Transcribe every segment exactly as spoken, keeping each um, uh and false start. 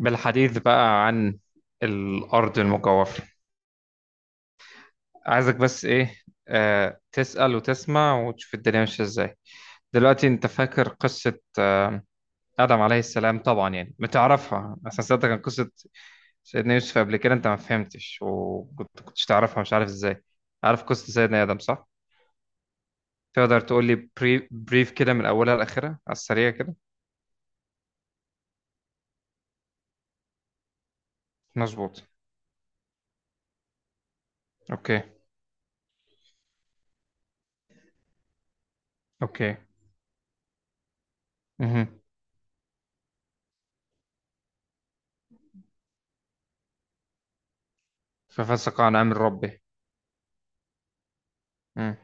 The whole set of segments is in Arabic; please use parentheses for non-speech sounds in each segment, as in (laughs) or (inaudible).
بالحديث بقى عن الأرض المجوفة. عايزك بس إيه آه تسأل وتسمع وتشوف الدنيا ماشية إزاي. دلوقتي أنت فاكر قصة آه آدم عليه السلام؟ طبعا يعني بتعرفها أصلا. سألتك عن قصة سيدنا يوسف قبل كده أنت ما فهمتش، وكنت كنتش تعرفها، مش عارف إزاي. عارف قصة سيدنا آدم صح؟ تقدر تقول لي بري... بريف كده من أولها لآخرها على السريع كده؟ مظبوط. أوكي. أوكي. مهم. ففسق عن أمر ربه. مم.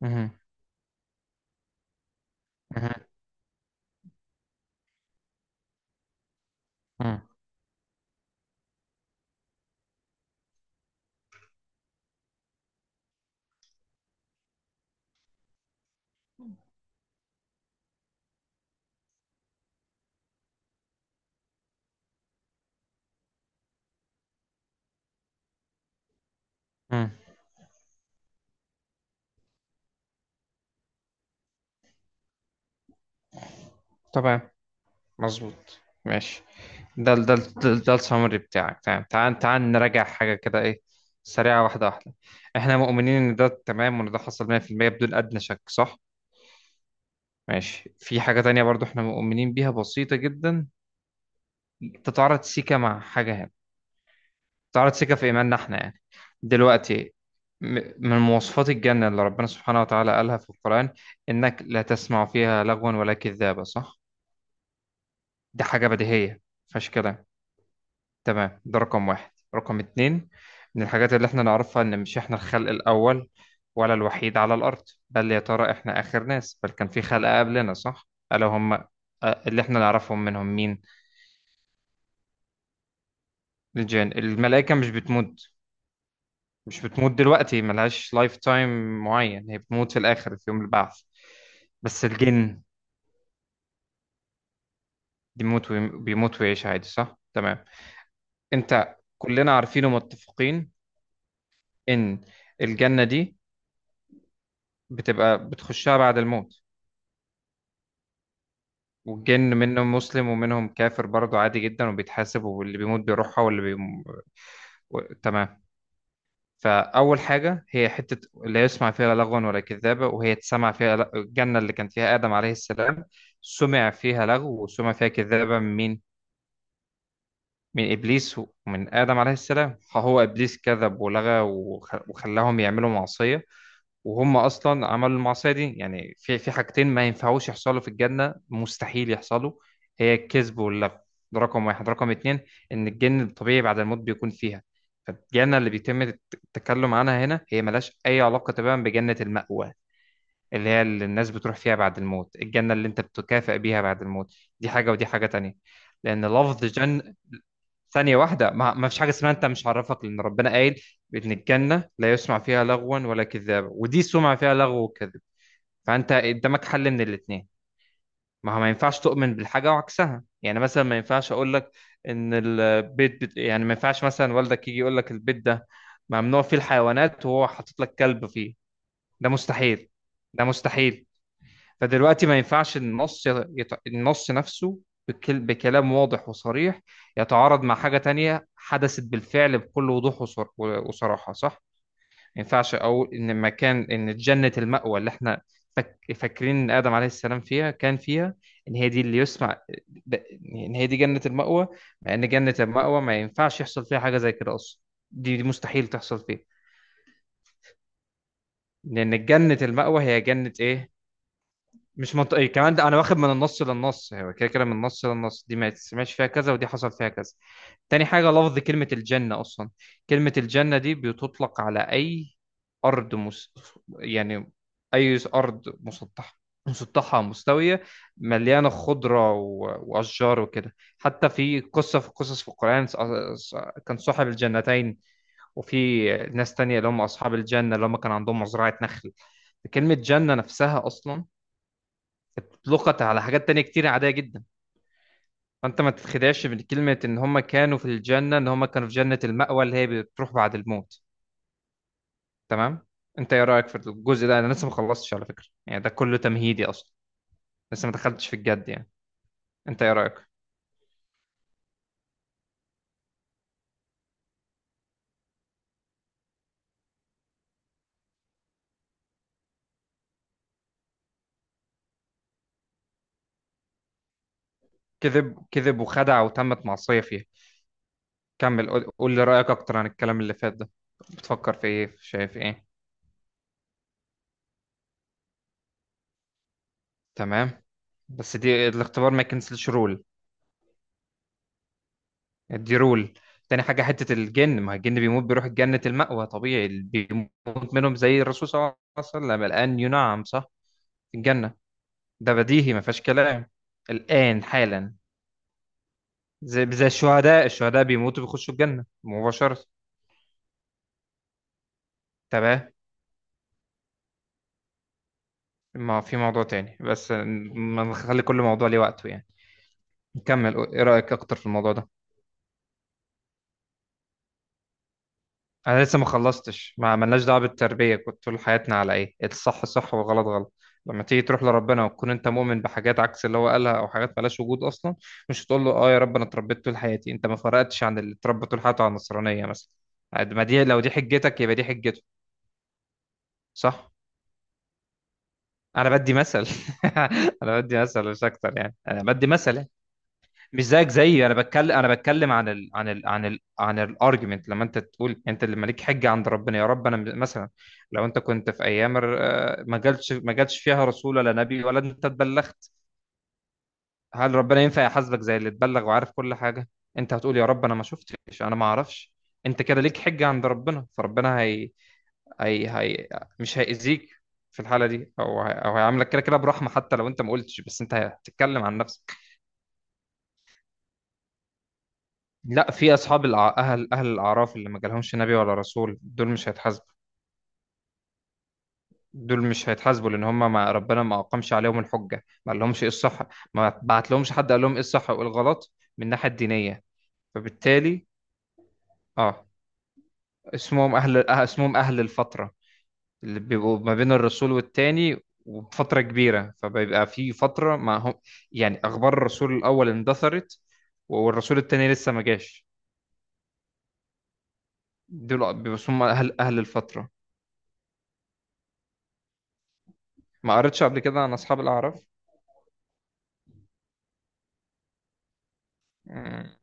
مهم. مهم. مهم. مهم. تمام. مظبوط. ماشي. ده ال- ده ال- ده, ال- ده السمري بتاعك. تمام، تعال تعال نراجع حاجة كده، ايه سريعة، واحدة واحدة. احنا مؤمنين ان ده تمام، وان ده حصل مئة في المية بدون ادنى شك، صح؟ ماشي. في حاجة تانية برضو احنا مؤمنين بيها، بسيطة جدا، تتعارض سيكا مع حاجة هنا، تتعارض سيكا في ايماننا احنا يعني. دلوقتي، م- من مواصفات الجنة اللي ربنا سبحانه وتعالى قالها في القرآن، انك لا تسمع فيها لغوا ولا كذابة، صح؟ دي حاجة بديهية مفيهاش كلام. تمام، ده رقم واحد. رقم اتنين، من الحاجات اللي احنا نعرفها، ان مش احنا الخلق الاول ولا الوحيد على الارض. بل يا ترى احنا اخر ناس؟ بل كان في خلق قبلنا، صح؟ الا هم آه، اللي احنا نعرفهم منهم، مين؟ الجن، الملائكة مش بتموت. مش بتموت دلوقتي، ملهاش لايف تايم معين، هي بتموت في الاخر في يوم البعث. بس الجن بيموت وي- بيموت ويعيش عادي، صح؟ تمام. انت كلنا عارفين ومتفقين، ان الجنة دي بتبقى بتخشها بعد الموت. والجن منهم مسلم ومنهم كافر برضه، عادي جدا، وبيتحاسب، واللي بيموت بيروحها، واللي بيم... و... تمام. فأول حاجة، هي حتة لا يسمع فيها لغوا ولا كذابة، وهي تسمع فيها ل... الجنة اللي كان فيها آدم عليه السلام سمع فيها لغو وسمع فيها كذابة. من مين؟ من إبليس ومن آدم عليه السلام. فهو إبليس كذب ولغى وخ... وخلاهم يعملوا معصية، وهم اصلا عملوا المعصيه دي. يعني في في حاجتين ما ينفعوش يحصلوا في الجنه، مستحيل يحصلوا، هي الكذب واللغو. ده رقم واحد. رقم اتنين، ان الجن الطبيعي بعد الموت بيكون فيها. فالجنه اللي بيتم الت- التكلم عنها هنا، هي ملهاش اي علاقه تماما بجنه المأوى، اللي هي اللي الناس بتروح فيها بعد الموت، الجنة اللي انت بتكافئ بيها بعد الموت. دي حاجة ودي حاجة تانية، لأن لفظ جن. ثانية واحدة، ما, ما فيش حاجة اسمها انت مش عرفك، لأن ربنا قايل بإن الجنة لا يسمع فيها لغوا ولا كذابا، ودي سمع فيها لغو وكذب. فأنت قدامك حل من الاتنين، ما هو ما ينفعش تؤمن بالحاجة وعكسها. يعني مثلا، ما ينفعش أقول لك إن البيت بت... يعني ما ينفعش مثلا والدك يجي يقول لك البيت ده ممنوع فيه الحيوانات وهو حاطط لك كلب فيه. ده مستحيل، ده مستحيل. فدلوقتي ما ينفعش النص يت... يت- النص نفسه بكل... بكلام واضح وصريح يتعارض مع حاجة تانية حدثت بالفعل بكل وضوح وصر... وصراحة، صح؟ ما ينفعش أقول إن مكان، إن جنة المأوى اللي إحنا فك... فاكرين إن آدم عليه السلام فيها، كان فيها، إن هي دي اللي يسمع، د- إن هي دي جنة المأوى. مع إن جنة المأوى ما ينفعش يحصل فيها حاجة زي كده أصلا، دي دي مستحيل تحصل فيها، لأن جنة المأوى هي جنة إيه؟ مش منطقي كمان، ده انا واخد من النص للنص، هو كده كده من النص للنص، دي ما تسمعش فيها كذا ودي حصل فيها كذا. تاني حاجة، لفظ كلمة الجنة أصلا، كلمة الجنة دي بتطلق على أي أرض مس... يعني أي أرض مسطحة، مسطحة مستوية مليانة خضرة و... وأشجار وكده. حتى في قصة، في قصص في القرآن، ص- ص- كان صاحب الجنتين، وفي ناس تانية اللي هم أصحاب الجنة، اللي هم كان عندهم مزرعة نخل. كلمة جنة نفسها أصلا اطلقت على حاجات تانية كتير عادية جدا. فانت ما تتخدعش من كلمة ان هم كانوا في الجنة، ان هم كانوا في جنة المأوى اللي هي بتروح بعد الموت. تمام. انت ايه رأيك في الجزء ده؟ انا لسه ما خلصتش على فكرة، يعني ده كله تمهيدي اصلا، لسه ما دخلتش في الجد يعني. انت ايه رأيك؟ كذب كذب وخدع وتمت معصية فيها. كمل، قول قول لي رأيك اكتر عن الكلام اللي فات ده، بتفكر في ايه، شايف ايه؟ تمام، بس دي الاختبار ما يكنسلش رول، دي رول. تاني حاجة حتة الجن، ما الجن بيموت بيروح جنة المأوى طبيعي، اللي بيموت منهم زي الرسول صلى الله عليه وسلم الآن ينعم، صح؟ في الجنة. ده بديهي ما فيهاش كلام، الآن حالا. زي, زي الشهداء، الشهداء بيموتوا بيخشوا الجنة مباشرة، تمام. ما في موضوع تاني، بس ما نخلي كل موضوع ليه وقته يعني. نكمل، ايه رأيك اكتر في الموضوع ده؟ انا لسه ما خلصتش، ما عملناش دعوه بالتربيه، كنت طول حياتنا على ايه؟ إيه الصح؟ صح، والغلط غلط. لما تيجي تروح لربنا وتكون انت مؤمن بحاجات عكس اللي هو قالها، او حاجات مالهاش وجود اصلا، مش هتقول له اه يا رب انا اتربيت طول حياتي. انت ما فرقتش عن اللي اتربى طول حياته على النصرانيه مثلا. عاد- ما دي، لو دي حجتك يبقى دي حجته، صح؟ انا بدي مثل. (laughs) انا بدي مثل مش اكتر يعني، انا بدي مثل يعني. مش زيك زيي، انا بتكلم انا بتكلم عن ال عن ال عن ال عن الارجيومنت. لما انت تقول انت اللي مالك حجه عند ربنا، يا رب انا م- مثلا، لو انت كنت في ايام الر- آه، ما جالش، ما جالش فيها رسول ولا نبي، ولا انت اتبلغت، هل ربنا ينفع يحاسبك زي اللي اتبلغ وعارف كل حاجه؟ انت هتقول يا رب انا ما شفتش، انا ما اعرفش. انت كده ليك حجه عند ربنا، فربنا هي هي هي مش هيأذيك في الحاله دي، او هي- او هيعاملك كده كده برحمه، حتى لو انت ما قلتش، بس انت هتتكلم عن نفسك. لا، في اصحاب الع... اهل اهل الاعراف اللي ما جالهمش نبي ولا رسول، دول مش هيتحاسبوا. دول مش هيتحاسبوا لان هم، ما ربنا ما اقامش عليهم الحجه، ما قال لهمش ايه الصح، ما بعت لهمش حد قال لهم ايه الصح وايه الغلط، من الناحيه الدينيه. فبالتالي اه اسمهم اهل آه، اسمهم اهل الفتره، اللي بيبقوا ما بين الرسول والتاني وفتره كبيره، فبيبقى في فتره ما هم، يعني اخبار الرسول الاول اندثرت والرسول التاني لسه ما جاش. دول بيبقوا اسمهم اهل اهل الفتره. ما قريتش قبل كده عن اصحاب الاعراف؟ مم.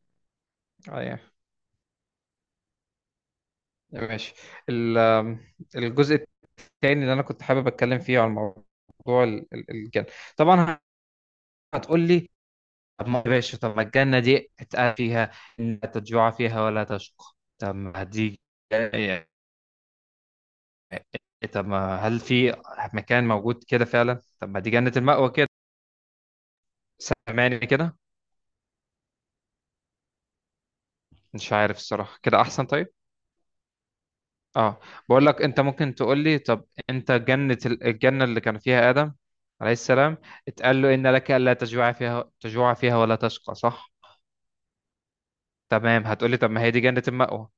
ايوه. ماشي. ال- آم، الجزء الثاني اللي انا كنت حابب اتكلم فيه، عن موضوع ال- ال- الجنه، طبعا. هتقول لي طب ما يا باشا، طب ما الجنه دي اتقال فيها ان لا تجوع فيها ولا تشقى، طب ما دي، طب ما هل في مكان موجود كده فعلا، طب ما دي جنه المأوى كده. سامعني كده؟ مش عارف الصراحه كده احسن. طيب. اه. بقول لك، انت ممكن تقول لي طب انت جنة ال- الجنة اللي كان فيها آدم عليه السلام، اتقال له ان لك الا تجوع فيها، تجوع فيها ولا تشقى، صح؟ تمام. هتقول لي طب ما هي دي جنة المأوى.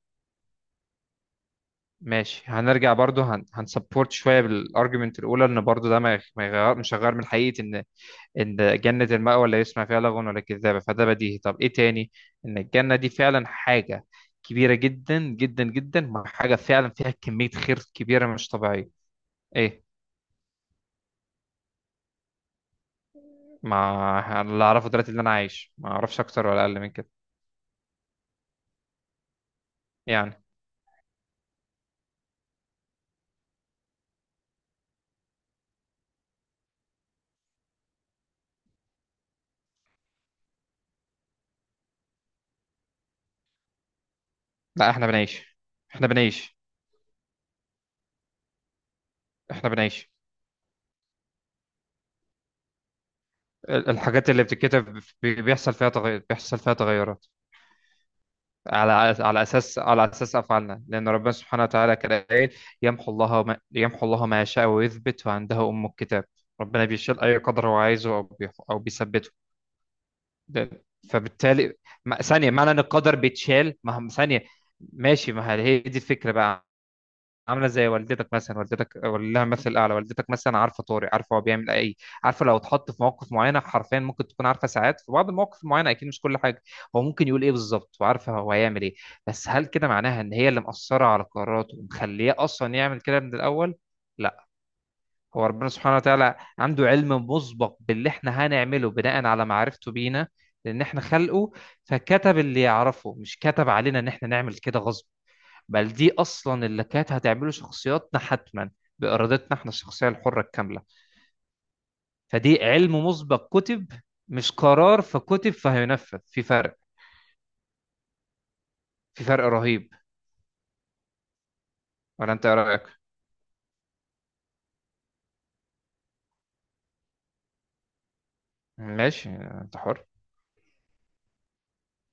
ماشي، هنرجع برضو هن... هنسبورت شوية بالارجيومنت الاولى، ان برضو ده ما يغ- ما يغير، مش هيغير من حقيقة، ان ان جنة المأوى لا يسمع فيها لغو ولا كذابة، فده بديهي. طب ايه تاني؟ ان الجنة دي فعلا حاجة كبيرة جدا جدا جدا، مع حاجة فعلا فيها كمية خير كبيرة مش طبيعية. ايه؟ ما اللي اعرفه دلوقتي، اللي انا عايش، ما اعرفش اكتر ولا اقل من كده، يعني. لا، احنا بنعيش. احنا بنعيش. احنا بنعيش. ال- الحاجات اللي بتتكتب بي- بيحصل فيها تغير، بيحصل فيها تغيرات على، على اساس، على اساس افعالنا، لان ربنا سبحانه وتعالى كده قايل، يمحو الله ما يمحو الله ما يشاء ويثبت وعنده ام الكتاب. ربنا بيشيل اي قدر هو عايزه او بيح- او بيثبته. ده- فبالتالي ما- ثانيه، معنى ان القدر بيتشال، ما هم- ثانيه، ماشي، ما هي هي دي الفكره بقى. عامله زي والدتك مثلا، والدتك لها مثل اعلى، والدتك مثلا عارفه طارق، عارفه هو بيعمل ايه، عارفه لو اتحط في مواقف معينه حرفيا ممكن تكون عارفه ساعات، في بعض المواقف المعينه، اكيد مش كل حاجه، هو ممكن يقول ايه بالظبط، وعارفه هو هيعمل ايه. بس هل كده معناها ان هي اللي مأثره على قراراته ومخليه اصلا يعمل كده من الاول؟ لا. هو ربنا سبحانه وتعالى عنده علم مسبق باللي احنا هنعمله، بناء على معرفته بينا، لان احنا خلقه، فكتب اللي يعرفه، مش كتب علينا ان احنا نعمل كده غصب، بل دي اصلا اللي كانت هتعمله شخصياتنا حتما، بارادتنا احنا، الشخصيه الحره الكامله. فدي علم مسبق كتب، مش قرار فكتب فهينفذ، في فرق، في فرق رهيب. ولا انت إيه رايك؟ ماشي، انت حر.